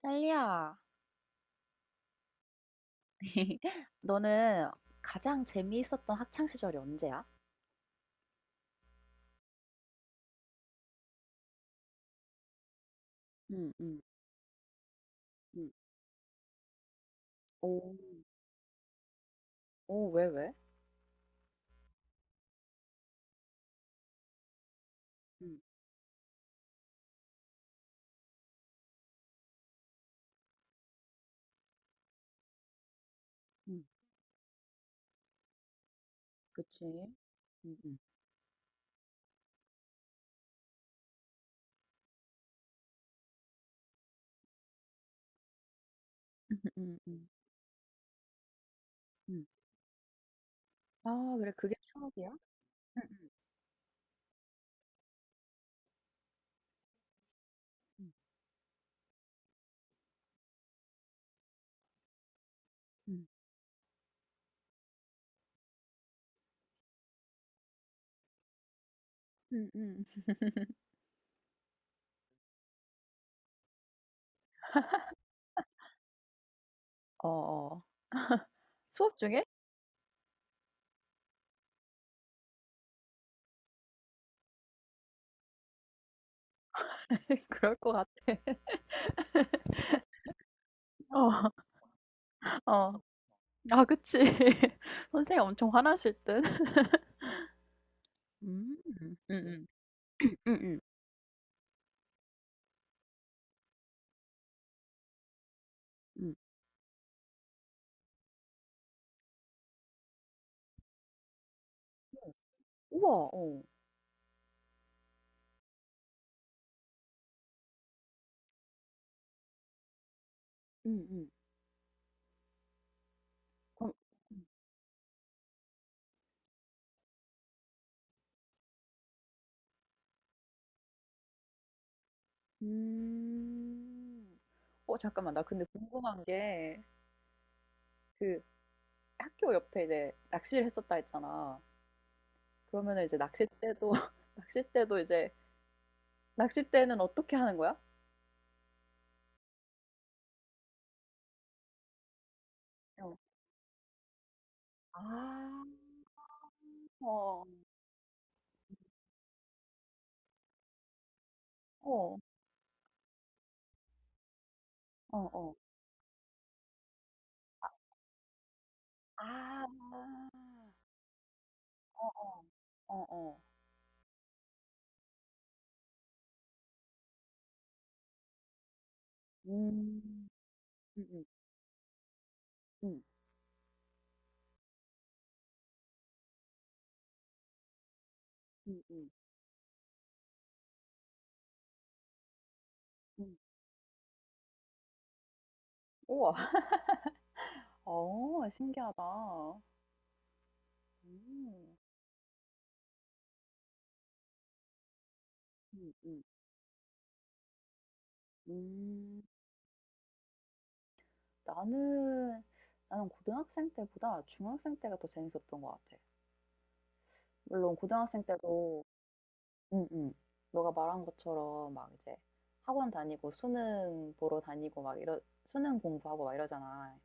딸리야, 너는 가장 재미있었던 학창 시절이 언제야? 응, 응, 응. 오, 오, 왜, 왜? 응, 응, 그치? 응, 응. 응, 응, 응, 응, 아, 그래, 그게 추억이야? 응, 응, 응, 응, 응. 응. 어, 어. 수업 중에? 그럴 것 같아. 어, 어. 아, 그치. 선생님 엄청 화나실 듯. 음, 응, 응, 응, 응, 응, 우와, 어. 응, 응. 그럼, 음. 어 잠깐만 나 근데 궁금한 게 그 학교 옆에 이제 낚시를 했었다 했잖아. 그러면은 이제 낚싯대도 낚싯대도 이제 낚싯대는 어떻게 하는 거야? 어. 아. 어. 어. 어어. 아. 어어. 어어. 음. 음음. 음. 음음. 음. 음. 우와. 어 신기하다. 음. 음음. 음. 음. 나는 나는 고등학생 때보다 중학생 때가 더 재밌었던 것 같아. 물론 고등학생 때도 응응. 너가 말한 것처럼 막 이제 학원 다니고 수능 보러 다니고 막 이러 수능 공부하고 막 이러잖아.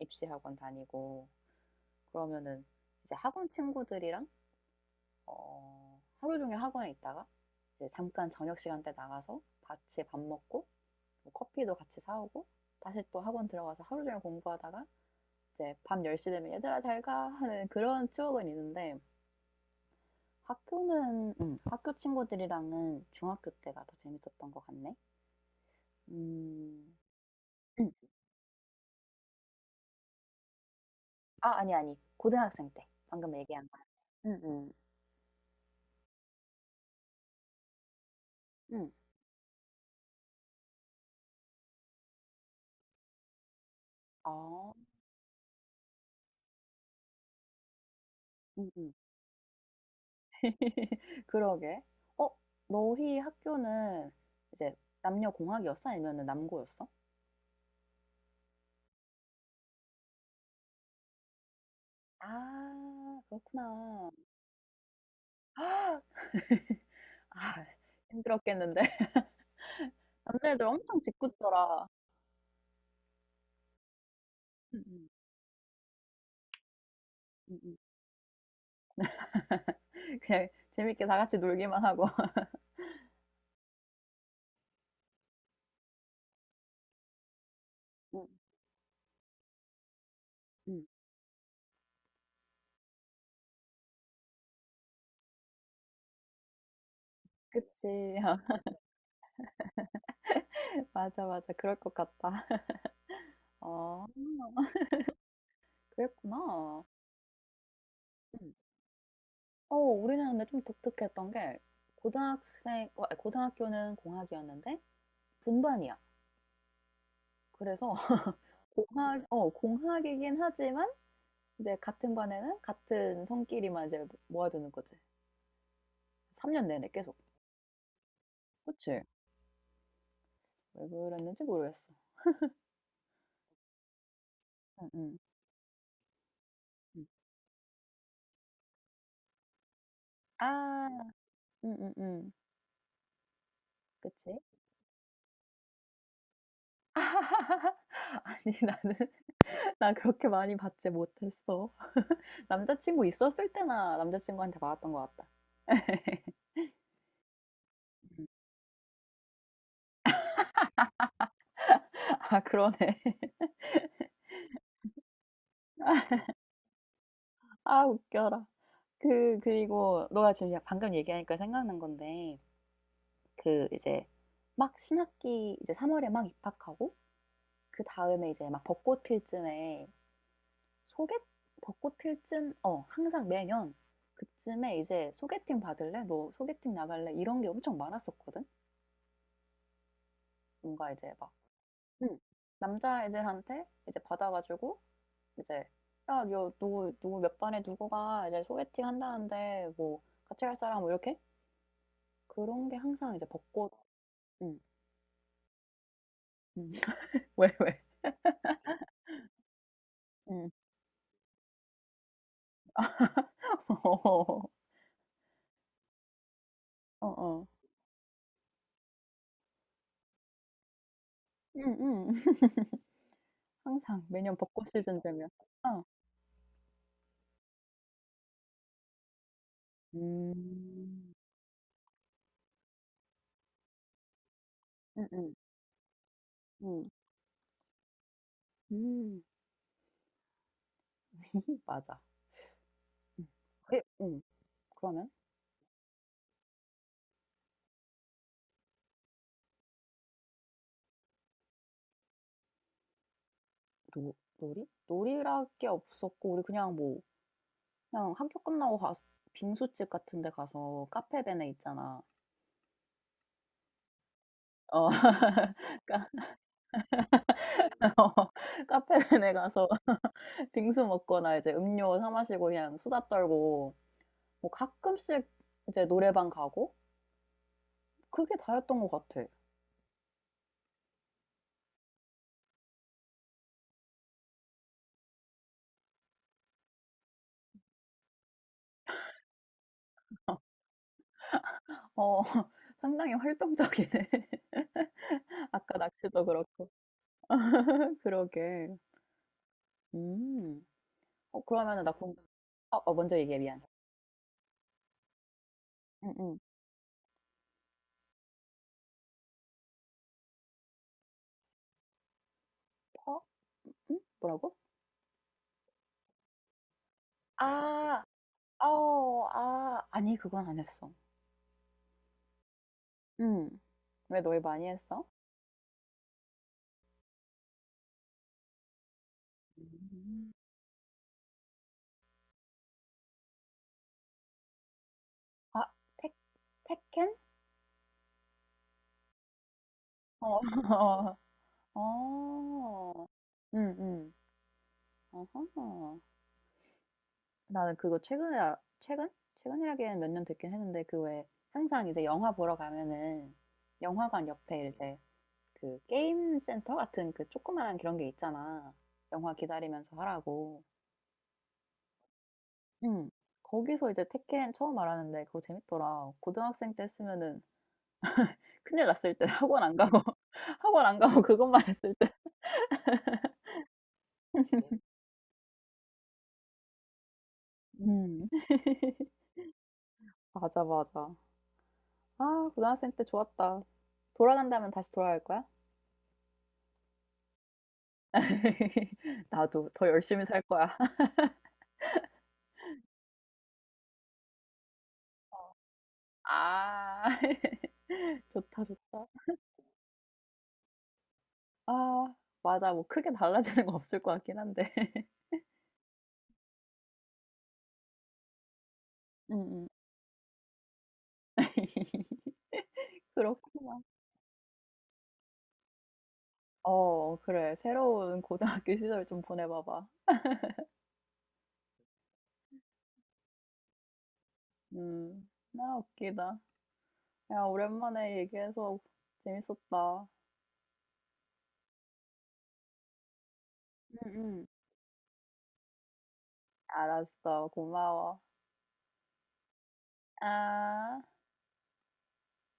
입시 학원 다니고. 그러면은 이제 학원 친구들이랑 어, 하루 종일 학원에 있다가 이제 잠깐 저녁 시간 때 나가서 같이 밥 먹고 뭐 커피도 같이 사오고 다시 또 학원 들어가서 하루 종일 공부하다가 이제 밤 10시 되면 얘들아 잘 가 하는 그런 추억은 있는데 학교는 학교 친구들이랑은 중학교 때가 더 재밌었던 것 같네. 음, 음. 아 아니 아니 고등학생 때 방금 얘기한 거. 응, 응, 응. 아, 응, 응. 그러게. 어, 너희 학교는 이제 남녀 공학이었어? 아니면 남고였어? 아, 그렇구나. 아, 힘들었겠는데. 남자애들 엄청 짓궂더라. 응, 응, 응, 응. 그냥 재밌게 다 같이 놀기만 하고. 응 응 그치. 맞아, 맞아. 그럴 것 같다. 어, 그랬구나. 응. 어, 우리는 근데 좀 독특했던 게 고등학생, 아니, 고등학교는 공학이었는데 분반이야. 그래서 공학이긴 하지만 이제 같은 반에는 같은 성끼리만 이제 모아두는 거지. 3년 내내 계속. 그치? 왜 그랬는지 모르겠어. 응, 응. 응. 아, 응, 응, 응. 그치? 아니, 나는 나 그렇게 많이 받지 못했어. 남자친구 있었을 때나 남자친구한테 받았던 것 같다. 아, 그러네. 아, 웃겨라. 그리고 너가 지금 방금 얘기하니까 생각난 건데, 그 이제 막 신학기 이제 3월에 막 입학하고, 그 다음에 이제 막 벚꽃 필 쯤에 소개, 벚꽃 필 쯤, 항상 매년 그쯤에 이제 소개팅 받을래? 너 소개팅 나갈래? 이런 게 엄청 많았었거든? 뭔가 이제 막 응. 남자애들한테 이제 받아 가지고 이제 "야 요 누구 누구 몇 반에 누구가 이제 소개팅 한다는데 뭐 같이 갈 사람?" 뭐 이렇게 그런 게 항상 이제 벚꽃 응. 응. 왜, 왜? 음. 어. 어어. 항상 매년 벚꽃 시즌 되면 어. 음. 응응 응 음. 맞아. 응. 그게 응. 그러면 노 놀이? 놀이랄 게 없었고 우리 그냥 뭐 그냥 학교 끝나고 가 빙수집 같은 데 가서 카페베네 있잖아. 어, 까- 어, 카페베네 가서 빙수 먹거나 이제 음료 사 마시고 그냥 수다 떨고 뭐 가끔씩 이제 노래방 가고 그게 다였던 것 같아. 어, 상당히 활동적이네. 아까 낚시도 그렇고. 그러게. 음. 어, 그러면은 나 궁금, 어, 어, 먼저 얘기해, 미안. 응, 응. 퍼? 응? 뭐라고? 아, 아, 아니, 그건 안 했어. 응. 왜 너희 많이 했어? 음. 아, 테, 테켄? 어, 어, 응, 응. 어허. 나는 그거 최근에, 최근? 최근이라기엔 몇 년 됐긴 했는데, 그 왜, 항상 이제 영화 보러 가면은, 영화관 옆에 이제 그 게임 센터 같은 그 조그만한 그런 게 있잖아. 영화 기다리면서 하라고. 응. 거기서 이제 테켄 처음 알았는데, 그거 재밌더라. 고등학생 때 했으면은 큰일 났을 때 학원 안 가고 학원 안 가고 그것만 했을 때. 음. 맞아, 맞아. 아, 고등학생 때 좋았다. 돌아간다면 다시 돌아갈 거야? 나도 더 열심히 살 거야. 아, 좋다, 좋다. 아, 맞아. 뭐 크게 달라지는 거 없을 것 같긴 한데. 음. 그렇구만 어, 그래. 새로운 고등학교 시절 좀 보내봐봐. 나 웃기다. 야, 오랜만에 얘기해서 재밌었다. 응응 알았어. 고마워. 아.